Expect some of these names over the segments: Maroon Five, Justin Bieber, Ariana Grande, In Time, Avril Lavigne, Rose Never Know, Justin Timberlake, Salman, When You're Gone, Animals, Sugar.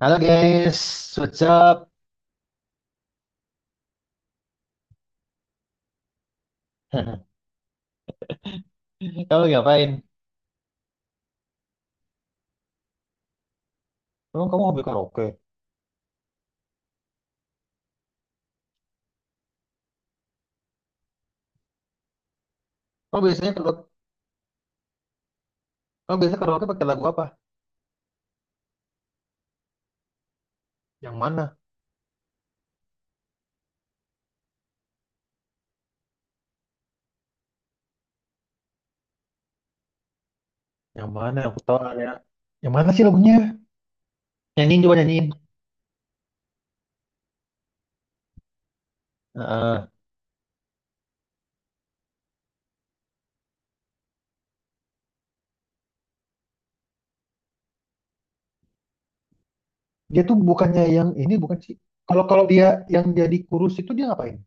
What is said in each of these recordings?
Halo guys, what's up? Kamu ngapain? Emang kamu hobi karaoke? Kamu biasanya kalau kamu biasanya karaoke pakai lagu apa? Yang mana? Yang mana? Aku tahu ada. Yang mana sih lagunya? Nyanyiin, coba nyanyiin. Heeh. Dia tuh bukannya yang ini, bukan sih? Kalau kalau dia yang jadi kurus itu dia ngapain?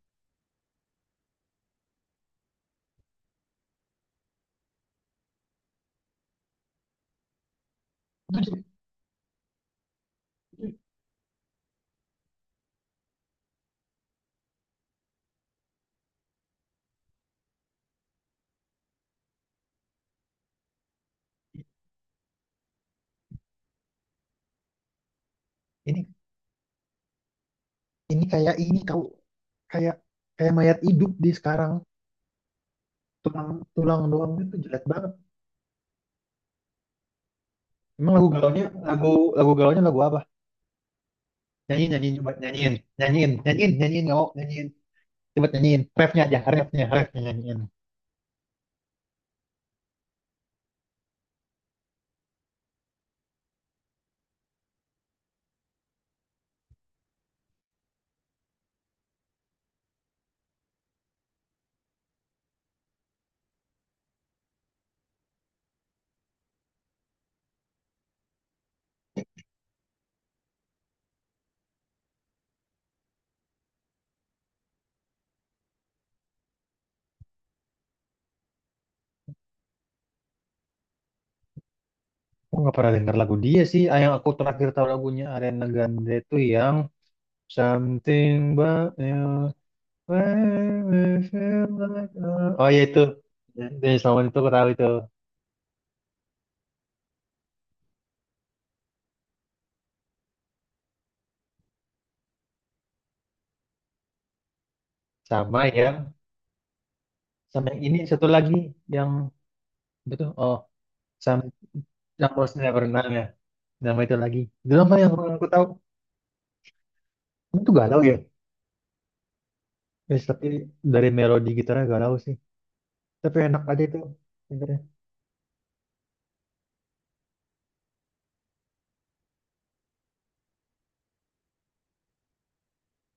Itu dia- Ini ini kayak ini, tahu, kayak kayak mayat hidup di sekarang, tulang tulang doang, itu jelek banget. Emang lagu galaunya lagu lagu galaunya lagu apa? Nyanyiin, nyanyiin, coba nyanyiin. Nyanyiin, nyanyiin, nyanyiin, nggak mau nyanyiin. Coba nyanyiin refnya aja, refnya, refnya nyanyiin. Aku nggak pernah denger lagu dia sih. Ah, yang aku terakhir tahu lagunya Ariana Grande itu yang Something About You. When we feel Oh ya itu. Dari Salman itu aku tahu itu. Sama yang sama yang ini satu lagi yang betul. Oh, sama yang Rose Never Know ya. Nama itu lagi. Itu nama yang aku tahu. Itu galau ya. Yes, tapi dari melodi gitarnya galau sih. Tapi enak aja itu dengernya.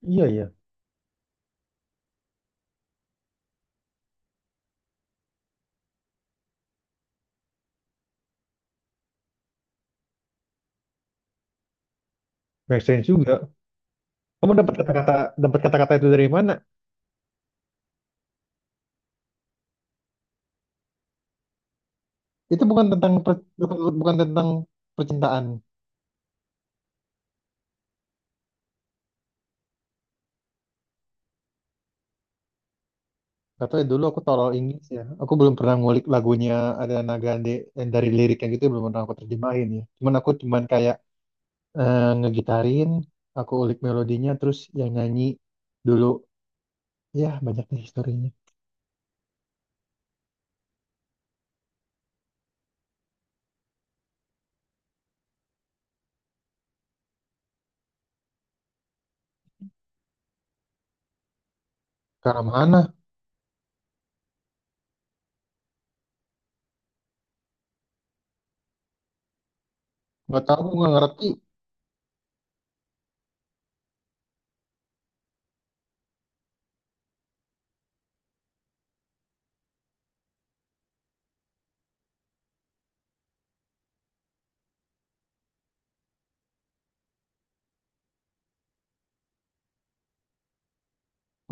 Iya, iya. Make sense juga. Kamu dapat kata-kata itu dari mana? Itu bukan tentang bukan, bukan tentang percintaan. Kata dulu aku tolol Inggris ya. Aku belum pernah ngulik lagunya ada Nagande, eh, dari liriknya gitu belum pernah aku terjemahin ya. Cuman aku kayak, eh, ngegitarin, aku ulik melodinya, terus yang nyanyi dulu ya, banyak nih historinya. Karena mana? Nggak tahu, aku nggak ngerti.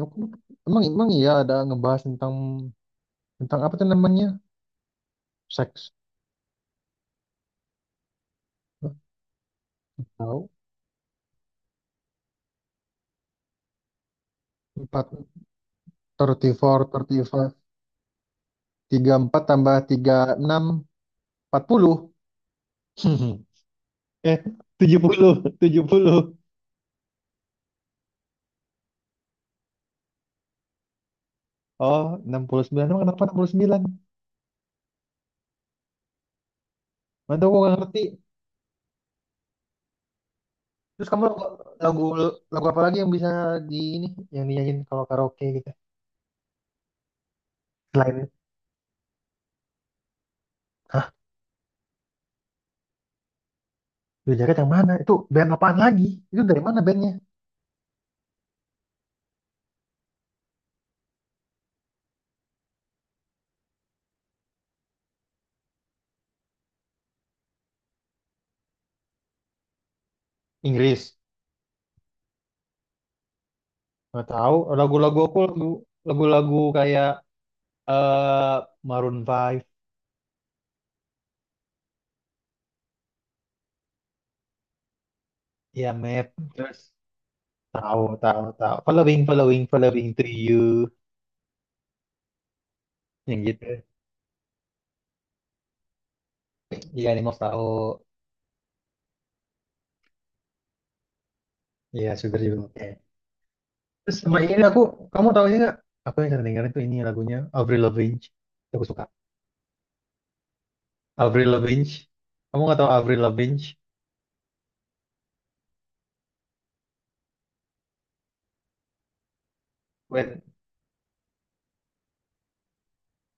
Aku, emang emang iya ada ngebahas tentang tentang apa tuh namanya? Seks. Nggak tahu. Empat, 34, 35, 34 tambah tiga puluh enam empat puluh. Eh, tujuh puluh tujuh puluh. Oh, 69. Emang kenapa 69? Mantap, gua gak ngerti. Terus kamu lagu, lagu apa lagi yang bisa di ini, yang dinyanyiin kalau karaoke gitu? Selain, hah, Blue Jacket yang mana? Itu band apaan lagi? Itu dari mana bandnya? Inggris. Nggak tahu. Lagu-lagu kayak, eh, Maroon Five, ya Map. Terus tahu, tahu, tahu. Following, following, following to you. Yang gitu, iya Animals tahu, iya Sugar juga oke. Terus sama ini, aku, kamu tahu ini nggak, aku yang sering dengerin tuh ini lagunya Avril Lavigne, aku suka Avril Lavigne, kamu nggak tahu Avril Lavigne. When,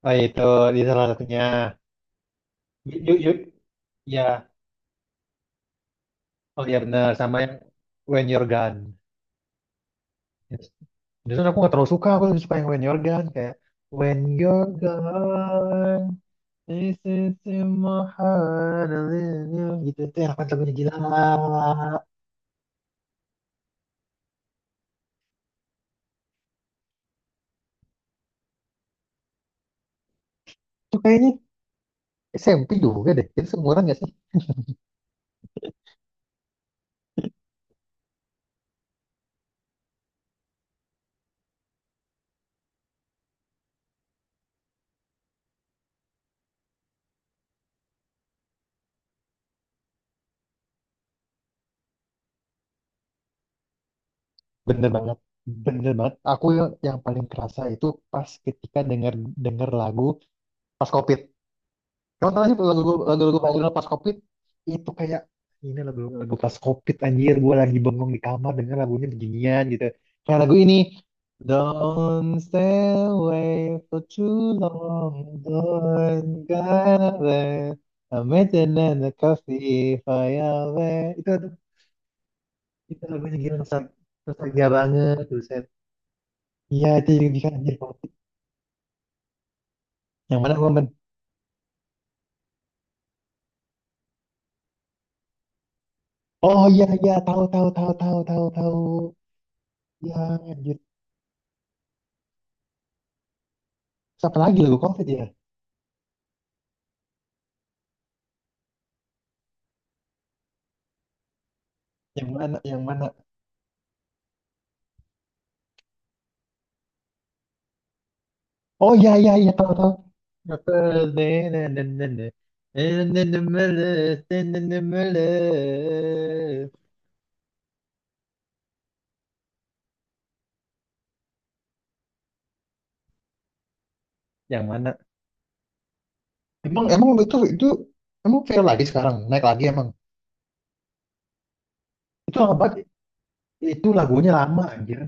oh itu di salah satunya, you, you, you- ya. Oh iya, benar, sama yang When You're Gone. Yes. Justru aku nggak terlalu suka, aku lebih suka yang When You're Gone, kayak When You're Gone, this is in my heart, I love you. Gitu tuh enak banget lagunya, gila. Itu kayaknya SMP juga deh. Kita seumuran gak sih? Bener banget, bener banget. Aku yang, paling kerasa itu pas ketika denger denger lagu pas COVID. Kamu tahu sih lagu lagu lagu lagu pas COVID itu kayak, ini lagu lagu pas COVID anjir. Gue lagi bengong di kamar denger lagunya beginian gitu. Kayak lagu ini. Don't stay away for too long. Don't go away. I'm making a coffee, fire away. Itu itu lagunya gila, nostalgia banget buset. Iya, itu juga bikin anjir banget. Yang mana gua men-. Oh iya, iya, tahu, tahu, tahu, tahu, tahu, tahu. Iya, anjir. Siapa lagi lagu Covid ya? Yang mana, yang mana? Oh iya, iya, iya, tahu, tahu. Yang mana? Emang emang itu emang viral lagi sekarang, naik lagi emang. Itu lama banget. Itu lagunya lama anjir.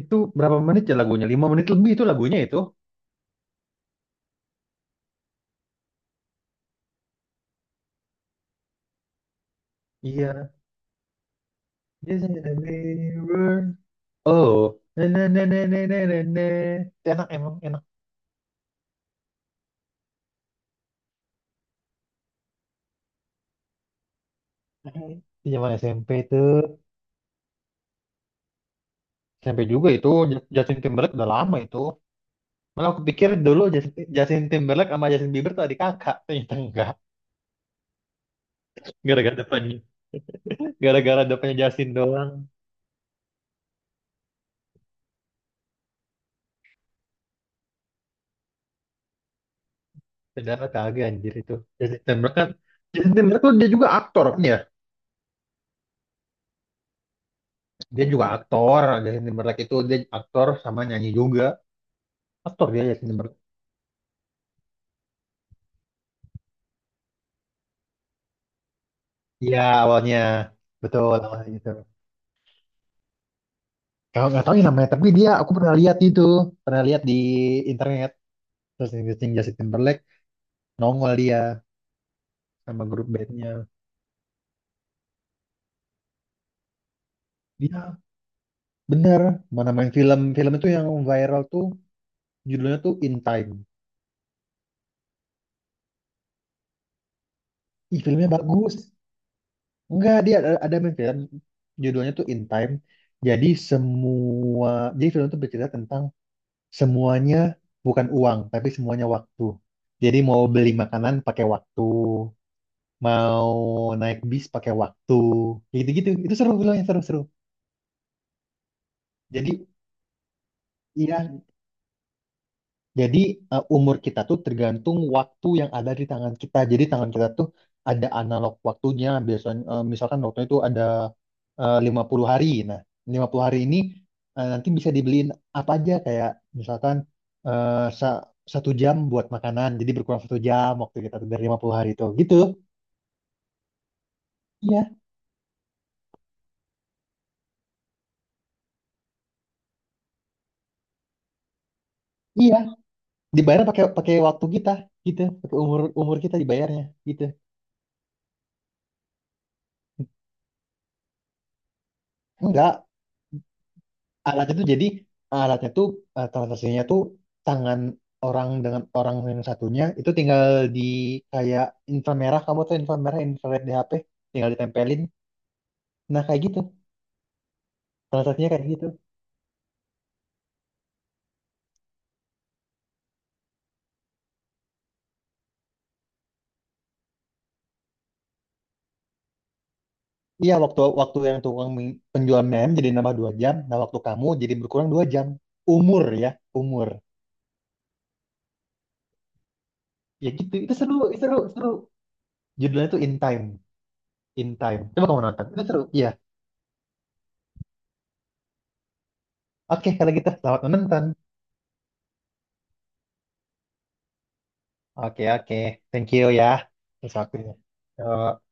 Itu berapa menit ya lagunya, lima menit lebih itu lagunya itu. Iya. This is the way we were. Oh. Na na na na na na na na. Enak, emang enak. Di zaman SMP tuh. SMP juga itu Justin Timberlake udah lama itu. Malah aku pikir dulu Justin Timberlake sama Justin Bieber tuh adik kakak. Ternyata enggak. Gara-gara depannya. Gara-gara depannya Justin doang. Ternyata kagak anjir itu. Justin Timberlake kan. Justin Timberlake tuh dia juga aktor kan ya. Dia juga aktor. Justin Timberlake itu dia aktor sama nyanyi juga. Aktor dia Justin Timberlake. Iya, awalnya, betul, awalnya gitu. Kalau nggak tahu ya namanya, tapi dia aku pernah lihat itu, pernah lihat di internet, terus searching Justin Timberlake nongol dia sama grup bandnya. Dia bener mana main film, film itu yang viral tuh judulnya tuh In Time. Ih filmnya bagus. Enggak, dia ada, main film judulnya tuh In Time. Jadi semua jadi film itu bercerita tentang semuanya, bukan uang tapi semuanya waktu. Jadi mau beli makanan pakai waktu, mau naik bis pakai waktu, kayak gitu-gitu, itu seru filmnya, seru-seru. Jadi, iya, jadi, umur kita tuh tergantung waktu yang ada di tangan kita, jadi tangan kita tuh ada analog waktunya biasanya, misalkan waktunya itu ada, 50 hari, nah 50 hari ini, nanti bisa dibeliin apa aja, kayak misalkan, eh, sa- satu jam buat makanan, jadi berkurang satu jam waktu kita tuh dari 50 hari itu gitu. Iya, iya. Dibayar pakai, pakai waktu kita gitu, pakai umur, umur kita dibayarnya gitu. Enggak, alatnya tuh jadi, alatnya tuh, transaksinya tuh tangan orang dengan orang yang satunya itu tinggal di kayak inframerah, kamu tuh inframerah, infrared di HP tinggal ditempelin, nah kayak gitu transaksinya kayak gitu. Iya, waktu waktu yang tukang penjual jadi nambah dua jam, nah waktu kamu jadi berkurang dua jam, umur ya, umur. Ya gitu, itu seru, itu seru, seru. Judulnya tuh In Time. In Time, coba kamu nonton, itu seru, iya. Oke, kalau gitu selamat menonton. Oke, oke. Thank you ya atas waktunya. Yo.